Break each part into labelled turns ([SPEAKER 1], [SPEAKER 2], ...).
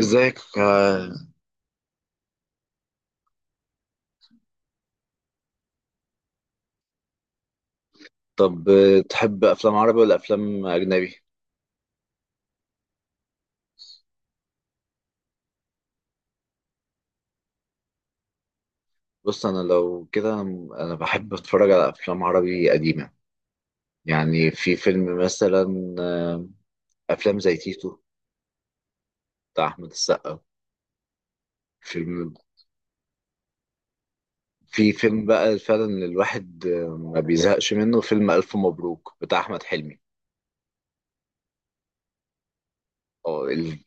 [SPEAKER 1] ازيك. طب، تحب افلام عربي ولا افلام اجنبي؟ بص انا لو كده انا بحب اتفرج على افلام عربي قديمه. يعني في فيلم مثلا آه، افلام زي تيتو بتاع احمد السقا. فيلم في فيلم بقى فعلا الواحد ما بيزهقش منه، فيلم الف مبروك بتاع احمد حلمي. اه، الفايت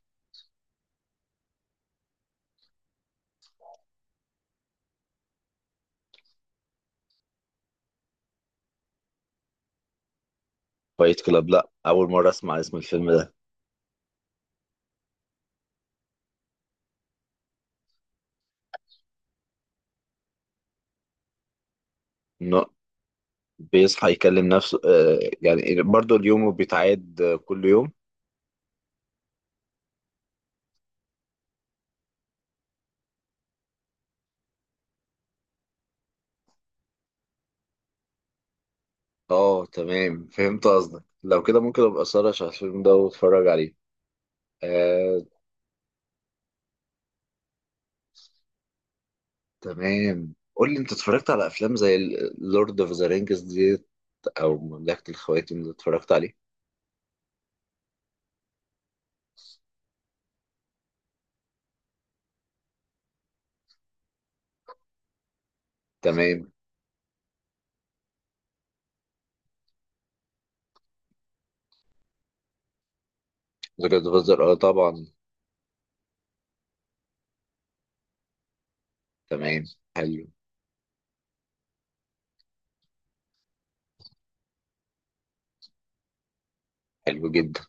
[SPEAKER 1] كلاب؟ لا، اول مره اسمع اسم الفيلم ده. انه بيصحى يكلم نفسه يعني برضه اليوم بيتعاد كل يوم؟ اه، تمام، فهمت قصدك. لو كده ممكن ابقى سهرش على الفيلم ده واتفرج عليه. آه. تمام، قول لي، انت اتفرجت على افلام زي لورد اوف ذا رينجز ديت او مملكة الخواتم اللي اتفرجت عليه؟ تمام. ذا جاد فازر، اه طبعا. تمام. حلو. حلو جدا.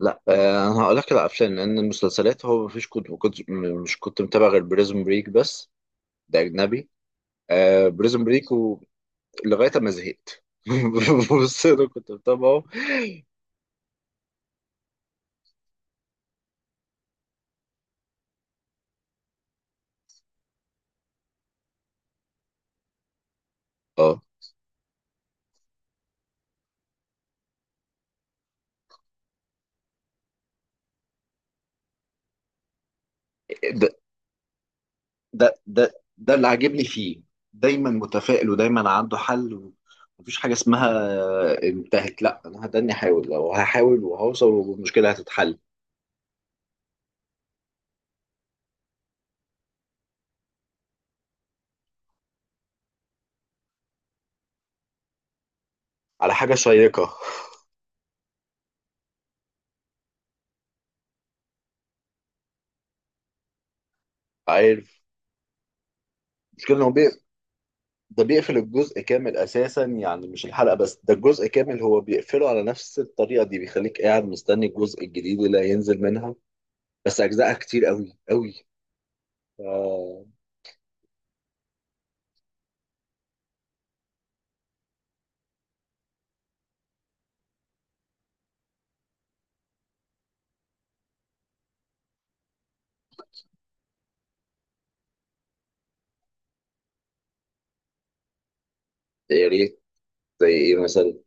[SPEAKER 1] لا، انا هقول لك على الافلام، لان المسلسلات هو مفيش، كنت ما كنت م- مش كنت متابع غير بريزون بريك بس. ده اجنبي. آه، بريزون بريك، ولغايه ما زهقت. بص انا كنت متابعه. اه. ده ده ده اللي عاجبني فيه. دايما متفائل ودايما عنده حل، ومفيش حاجة اسمها انتهت. لا، انا هداني احاول، لو هحاول وهوصل والمشكلة هتتحل. على حاجة شيقة. عارف. المشكلة إن هو ده بيقفل الجزء كامل اساسا، يعني مش الحلقة بس. ده الجزء كامل، هو بيقفله على نفس الطريقة دي، بيخليك قاعد مستني الجزء الجديد اللي هينزل منها. بس اجزائها كتير قوي قوي. ف... يا ريت. زي ايه مثلا؟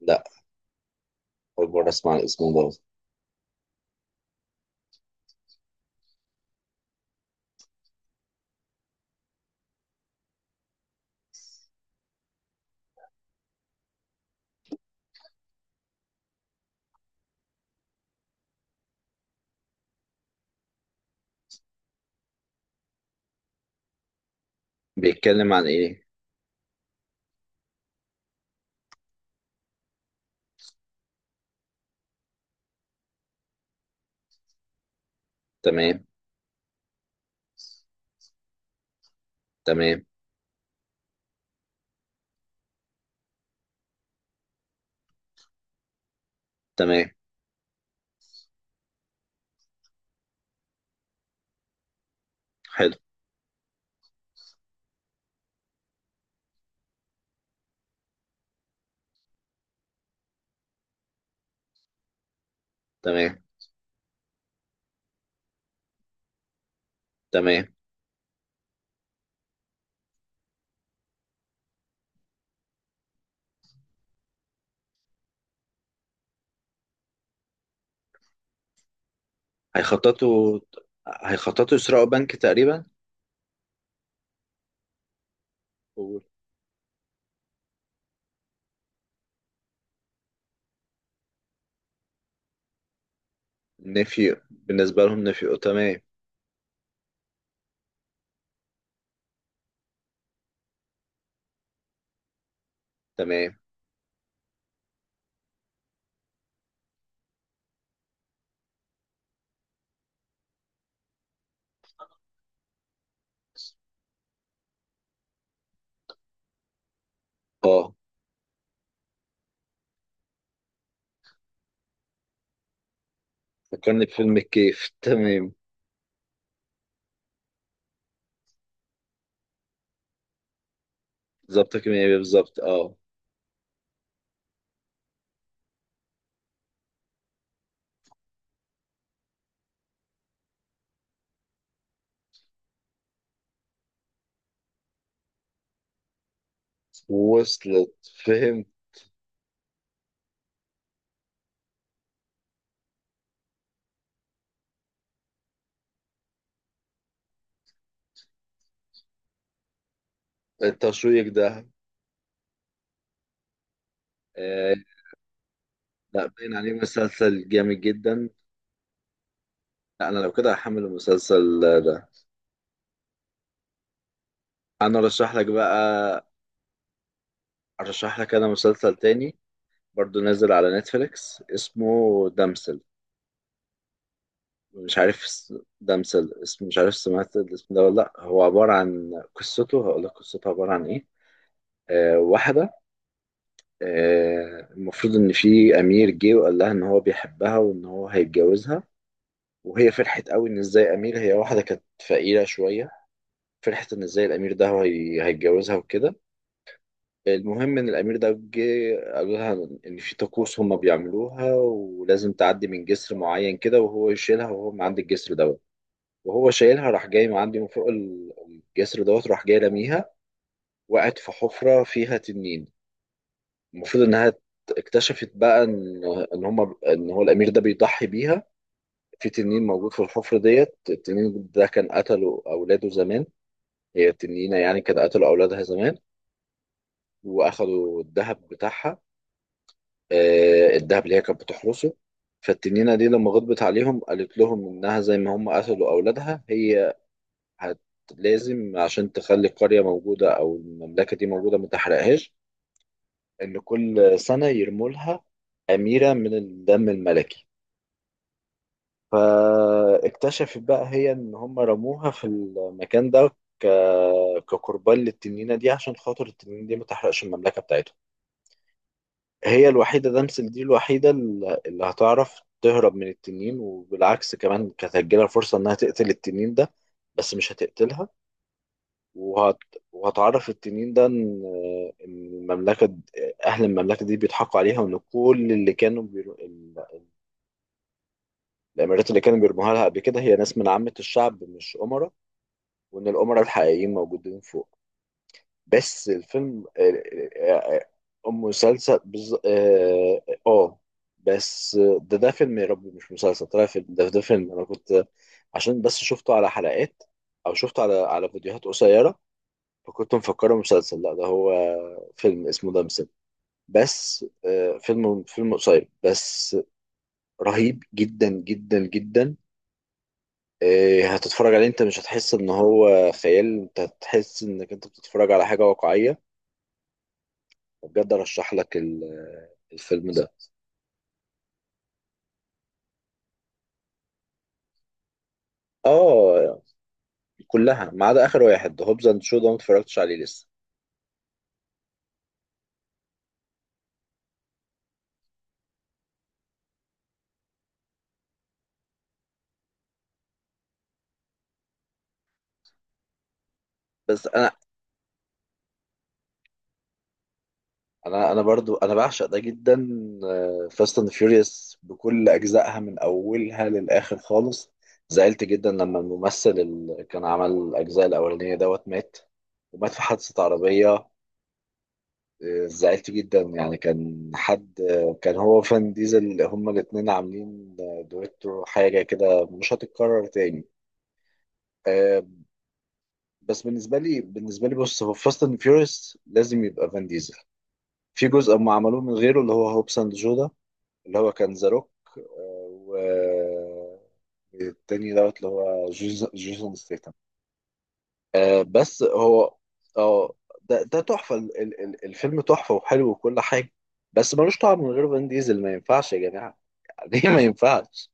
[SPEAKER 1] لا، اول مرة اسمع الاسم ده. بيتكلم عن ايه؟ تمام. تمام. تمام. حلو. تمام. تمام. هيخططوا هيخططوا يسرقوا بنك تقريبا. ونفي بالنسبة لهم، نفي، تمام. تمام. اه، فكرني بفيلم الكيف. تمام. بالظبط، كمية بالظبط، اه. وصلت، فهمت. التشويق ده. آه. لا، باين عليه مسلسل جامد جدا. لا، انا لو كده هحمل المسلسل ده. انا ارشح لك بقى، ارشح لك انا مسلسل تاني. برضو نازل على نتفليكس اسمه دمسل. مش عارف ده مثل اسم، مش عارف سمعت الاسم ده ولا لأ. هو عبارة عن قصته، هقول لك قصته عبارة عن إيه. واحدة، المفروض إن في أمير جه وقال لها إن هو بيحبها وإن هو هيتجوزها. وهي فرحت قوي إن إزاي أمير. هي واحدة كانت فقيرة شوية، فرحت إن إزاي الأمير ده هو هيتجوزها وكده. المهم إن الأمير ده جه قالوا لها إن في طقوس هما بيعملوها ولازم تعدي من جسر معين كده، وهو يشيلها وهو من عند الجسر ده. وهو شايلها راح جاي من عندي من فوق الجسر دوت، راح جاي لاميها. وقعت في حفرة فيها تنين. المفروض انها اكتشفت بقى ان هم ان هو الامير ده بيضحي بيها. في تنين موجود في الحفرة ديت. التنين ده كان قتله اولاده زمان، هي التنينة يعني كان قتلوا اولادها زمان واخدوا الذهب بتاعها. الذهب اللي هي كانت بتحرسه. فالتنينة دي لما غضبت عليهم قالت لهم انها زي ما هم قتلوا اولادها، هي هت... لازم عشان تخلي القرية موجودة أو المملكة دي موجودة ما تحرقهاش، إن كل سنة يرموا لها أميرة من الدم الملكي. فاكتشفت بقى هي إن هم رموها في المكان ده ك... كقربان للتنينة دي، عشان خاطر التنينة دي ما تحرقش المملكة بتاعتهم. هي الوحيدة، دمسل دي الوحيدة اللي هتعرف تهرب من التنين. وبالعكس كمان كانت هتجيلها فرصة إنها تقتل التنين ده، بس مش هتقتلها. وهت... وهتعرف التنين ده ان إن المملكه د- اهل المملكه دي بيضحكوا عليها، وان كل اللي كانوا الامارات اللي كانوا بيرموها لها قبل كده هي ناس من عامه الشعب مش امراء، وان الامراء الحقيقيين موجودين فوق. بس الفيلم، ام مسلسل بز... اه آه. آه، بس ده ده فيلم، يا ربي، مش مسلسل. طلع فيلم. ده ده فيلم انا كنت، عشان بس شفته على حلقات، او شفته على فيديوهات قصيره، فكنت مفكره مسلسل. لا، ده هو فيلم اسمه دمسم. بس فيلم، قصير بس. رهيب جدا جدا جدا. هتتفرج عليه، انت مش هتحس ان هو خيال، انت هتحس انك انت بتتفرج على حاجة واقعية. بجد ارشح لك الفيلم ده. اه، كلها ما عدا اخر واحد، هوبز اند شو، ده ما اتفرجتش عليه لسه. بس انا برضو انا بعشق ده جدا. فاست اند فيوريوس بكل اجزائها من اولها للاخر خالص. زعلت جدا لما الممثل اللي كان عمل الاجزاء الاولانيه دوت مات، ومات في حادثه عربيه. زعلت جدا، يعني كان حد، كان هو وفان ديزل هما الاتنين عاملين دويتو، حاجه كده مش هتتكرر تاني. آه، بس بالنسبه لي، بص هو فاست اند فيوريوس لازم يبقى فان ديزل. في جزء هم عملوه من غيره، اللي هو هوبس اند جودا، اللي هو كان ذا روك. آه، والتاني دوت اللي هو جيسون ستيتم. بس هو اه ده ده تحفة، الفيلم تحفة وحلو وكل حاجة. بس ملوش طعم من غير فان ديزل، ما ينفعش يا جماعة. ليه ما ينفعش؟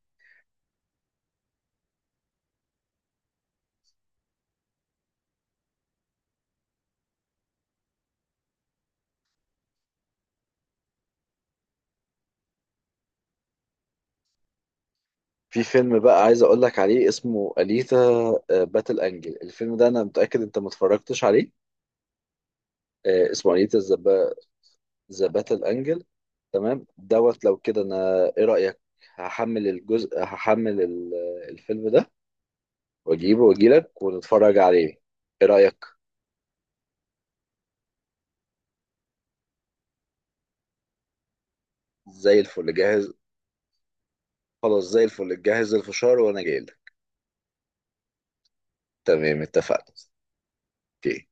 [SPEAKER 1] في فيلم بقى عايز اقول لك عليه، اسمه أليتا باتل انجل. الفيلم ده انا متأكد انت ما اتفرجتش عليه. اسمه أليتا ذا باتل انجل. تمام دوت، لو كده انا ايه رأيك؟ هحمل الفيلم ده، واجيبه واجيلك ونتفرج عليه. ايه رأيك؟ زي الفل جاهز. خلاص، زي الفل جاهز، الفشار وانا جايلك. تمام، اتفقنا. اوكي.